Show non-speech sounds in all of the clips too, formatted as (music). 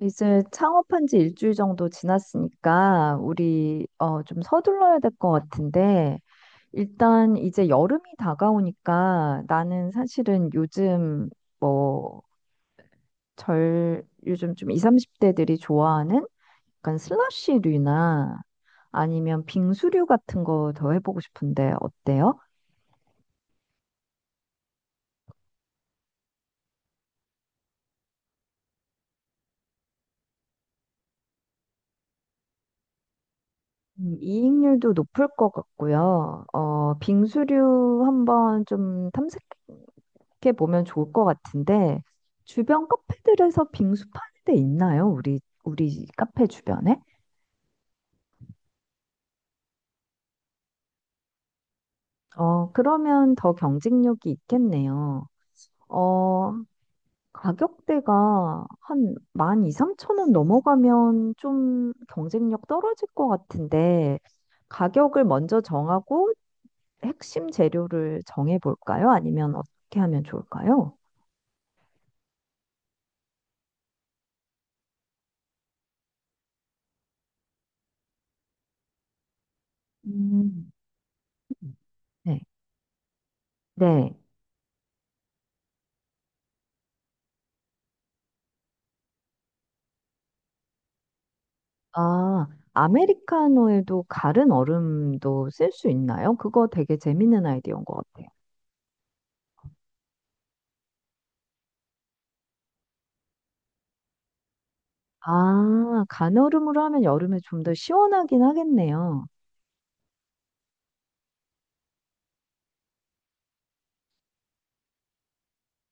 이제 창업한 지 일주일 정도 지났으니까 우리 좀 서둘러야 될 것 같은데 일단 이제 여름이 다가오니까 나는 사실은 요즘 뭐 절 요즘 좀 20, 30대들이 좋아하는 약간 슬러시류나 아니면 빙수류 같은 거 더 해보고 싶은데 어때요? 이익률도 높을 것 같고요. 빙수류 한번 좀 게 보면 좋을 것 같은데 주변 카페들에서 빙수 파는 데 있나요? 우리 카페 주변에? 어, 그러면 더 경쟁력이 있겠네요. 어, 가격대가 한 12,000원 넘어가면 좀 경쟁력 떨어질 것 같은데 가격을 먼저 정하고 핵심 재료를 정해 볼까요? 아니면 어떻게 하면 좋을까요? 음. 네. 네. 아, 아메리카노에도 가른 얼음도 쓸 수 있나요? 그거 되게 재밌는 아이디어인 것 같아요. 아, 간얼음으로 하면 여름에 좀 더 시원하긴 하겠네요.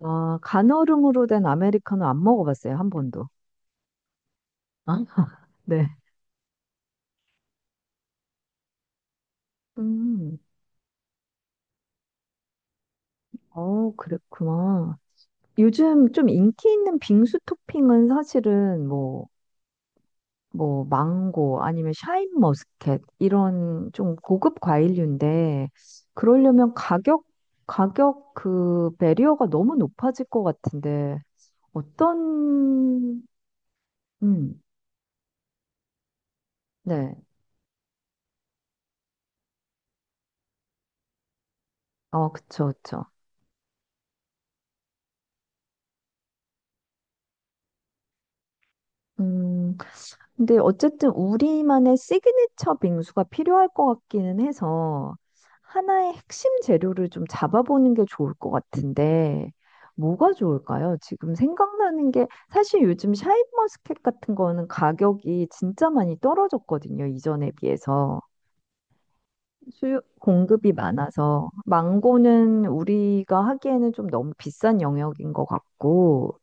아, 간얼음으로 된 아메리카노 안 먹어봤어요, 한 번도. 아? (laughs) 네. 음, 그랬구나. 요즘 좀 인기 있는 빙수 토핑은 사실은 뭐 망고 아니면 샤인머스켓 이런 좀 고급 과일류인데 그러려면 가격 그 배리어가 너무 높아질 것 같은데 어떤 음, 네. 어, 그쵸, 그쵸. 음, 근데 어쨌든 우리만의 시그니처 빙수가 필요할 것 같기는 해서 하나의 핵심 재료를 좀 잡아보는 게 좋을 것 같은데 뭐가 좋을까요? 지금 생각나는 게 사실 요즘 샤인머스켓 같은 거는 가격이 진짜 많이 떨어졌거든요. 이전에 비해서. 수요, 공급이 많아서. 망고는 우리가 하기에는 좀 너무 비싼 영역인 것 같고.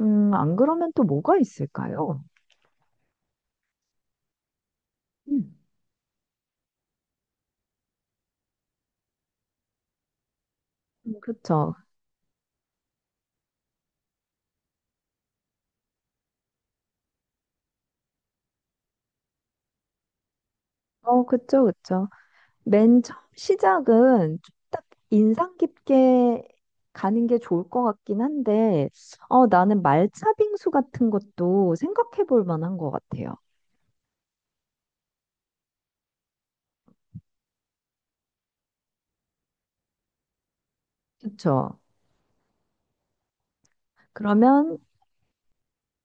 안 그러면 또 뭐가 있을까요? 음, 그렇죠. 어, 그쵸, 그쵸. 맨 처음 시작은 좀 딱 인상 깊게 가는 게 좋을 것 같긴 한데, 나는 말차 빙수 같은 것도 생각해 볼 만한 것 같아요. 그쵸. 그러면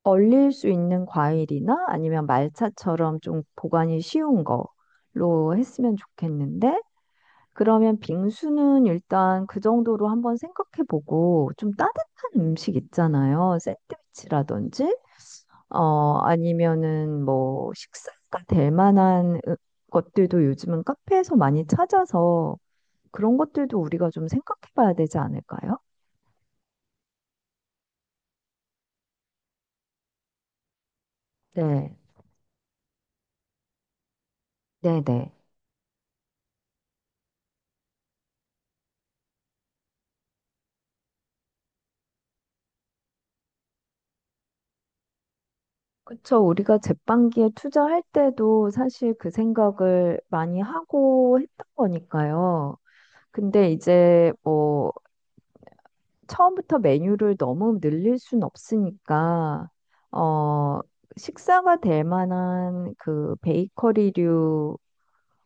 얼릴 수 있는 과일이나 아니면 말차처럼 좀 보관이 쉬운 거로 했으면 좋겠는데, 그러면 빙수는 일단 그 정도로 한번 생각해 보고, 좀 따뜻한 음식 있잖아요. 샌드위치라든지. 어, 아니면은 뭐 식사가 될 만한 것들도 요즘은 카페에서 많이 찾아서 그런 것들도 우리가 좀 생각해 봐야 되지 않을까요? 네, 네네. 그쵸. 우리가 제빵기에 투자할 때도 사실 그 생각을 많이 하고 했던 거니까요. 근데 이제 뭐 처음부터 메뉴를 너무 늘릴 순 없으니까, 어, 식사가 될 만한 그 베이커리류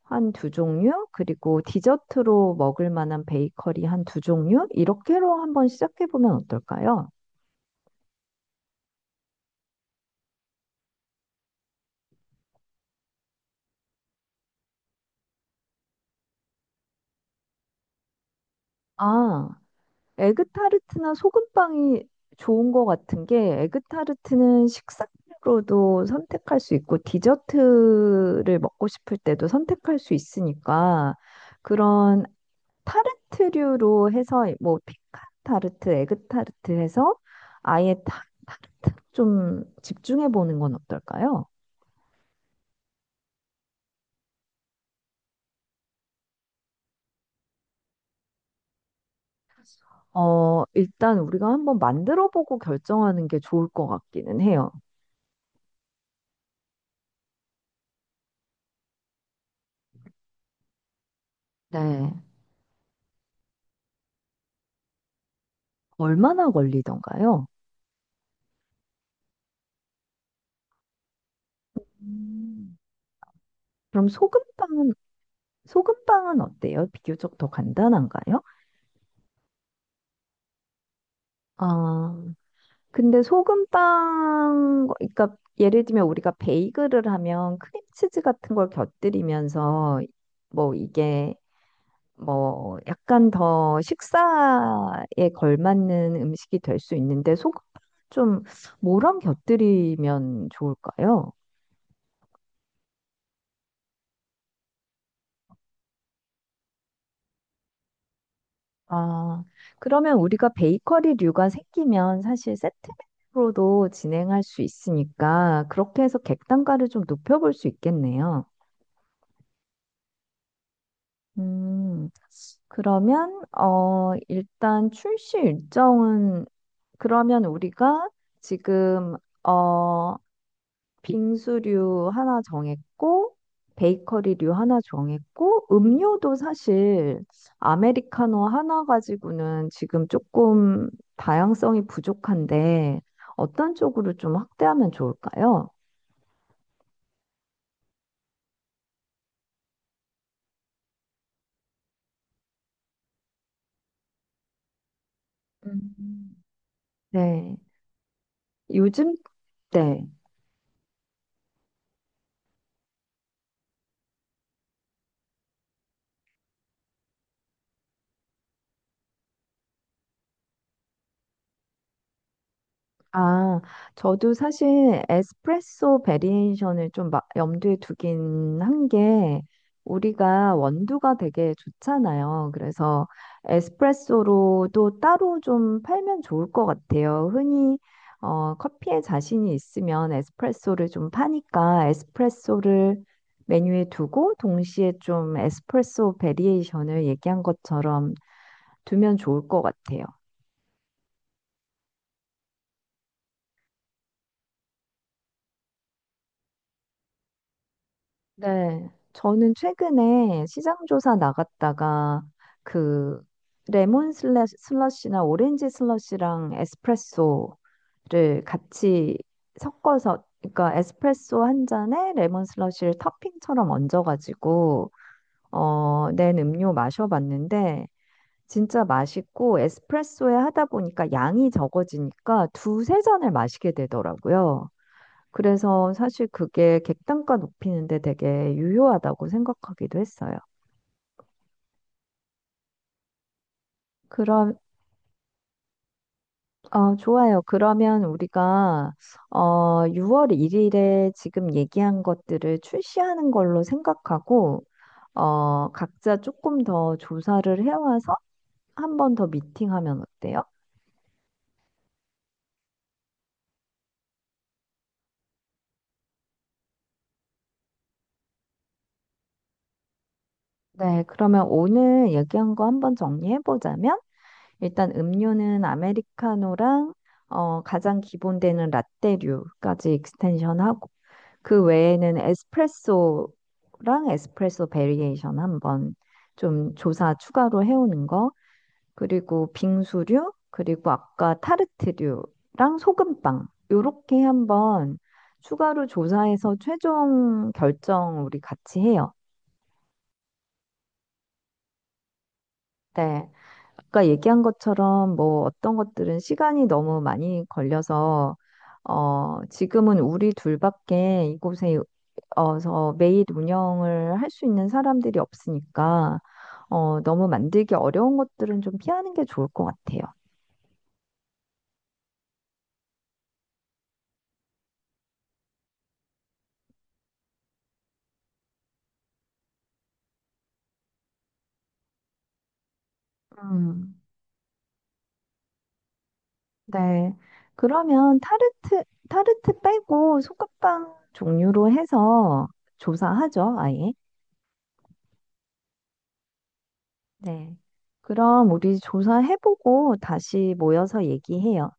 한 두 종류, 그리고 디저트로 먹을 만한 베이커리 한 두 종류, 이렇게로 한번 시작해 보면 어떨까요? 아, 에그타르트나 소금빵이 좋은 것 같은 게 에그타르트는 식사로도 선택할 수 있고 디저트를 먹고 싶을 때도 선택할 수 있으니까 그런 타르트류로 해서 뭐 피칸 타르트, 에그타르트 해서 아예 타르트 좀 집중해 보는 건 어떨까요? 일단 우리가 한번 만들어 보고 결정하는 게 좋을 것 같기는 해요. 네. 얼마나 걸리던가요? 음. 그럼 소금빵은 어때요? 비교적 더 간단한가요? 아, 근데 소금빵, 그러니까 예를 들면 우리가 베이글을 하면 크림치즈 같은 걸 곁들이면서 뭐 이게 뭐 약간 더 식사에 걸맞는 음식이 될 수 있는데 소금 좀 뭐랑 곁들이면 좋을까요? 아, 그러면 우리가 베이커리류가 생기면 사실 세트로도 진행할 수 있으니까 그렇게 해서 객단가를 좀 높여볼 수 있겠네요. 음, 그러면 일단 출시 일정은 그러면 우리가 지금 어 빙수류 하나 정했고, 베이커리류 하나 정했고, 음료도 사실 아메리카노 하나 가지고는 지금 조금 다양성이 부족한데, 어떤 쪽으로 좀 확대하면 좋을까요? 음. 네. 요즘, 네. 아, 저도 사실 에스프레소 베리에이션을 좀 염두에 두긴 한 게, 우리가 원두가 되게 좋잖아요. 그래서 에스프레소로도 따로 좀 팔면 좋을 것 같아요. 흔히 커피에 자신이 있으면 에스프레소를 좀 파니까 에스프레소를 메뉴에 두고 동시에 좀 에스프레소 베리에이션을 얘기한 것처럼 두면 좋을 것 같아요. 네, 저는 최근에 시장조사 나갔다가 그 레몬 슬러시나 오렌지 슬러시랑 에스프레소를 같이 섞어서, 그러니까 에스프레소 한 잔에 레몬 슬러시를 토핑처럼 얹어가지고 낸 음료 마셔봤는데 진짜 맛있고 에스프레소에 하다 보니까 양이 적어지니까 두세 잔을 마시게 되더라고요. 그래서 사실 그게 객단가 높이는데 되게 유효하다고 생각하기도 했어요. 그럼, 좋아요. 그러면 우리가, 6월 1일에 지금 얘기한 것들을 출시하는 걸로 생각하고, 각자 조금 더 조사를 해와서 한 번 더 미팅하면 어때요? 네, 그러면 오늘 얘기한 거 한번 정리해보자면, 일단 음료는 아메리카노랑, 가장 기본 되는 라떼류까지 익스텐션하고, 그 외에는 에스프레소랑 에스프레소 베리에이션 한번 좀 조사 추가로 해오는 거, 그리고 빙수류, 그리고 아까 타르트류랑 소금빵, 요렇게 한번 추가로 조사해서 최종 결정 우리 같이 해요. 네. 아까 얘기한 것처럼 뭐 어떤 것들은 시간이 너무 많이 걸려서 지금은 우리 둘밖에 이곳에 어서 매일 운영을 할 수 있는 사람들이 없으니까 너무 만들기 어려운 것들은 좀 피하는 게 좋을 것 같아요. 음, 네. 그러면 타르트 빼고 소금빵 종류로 해서 조사하죠, 아예. 네. 그럼 우리 조사해보고 다시 모여서 얘기해요.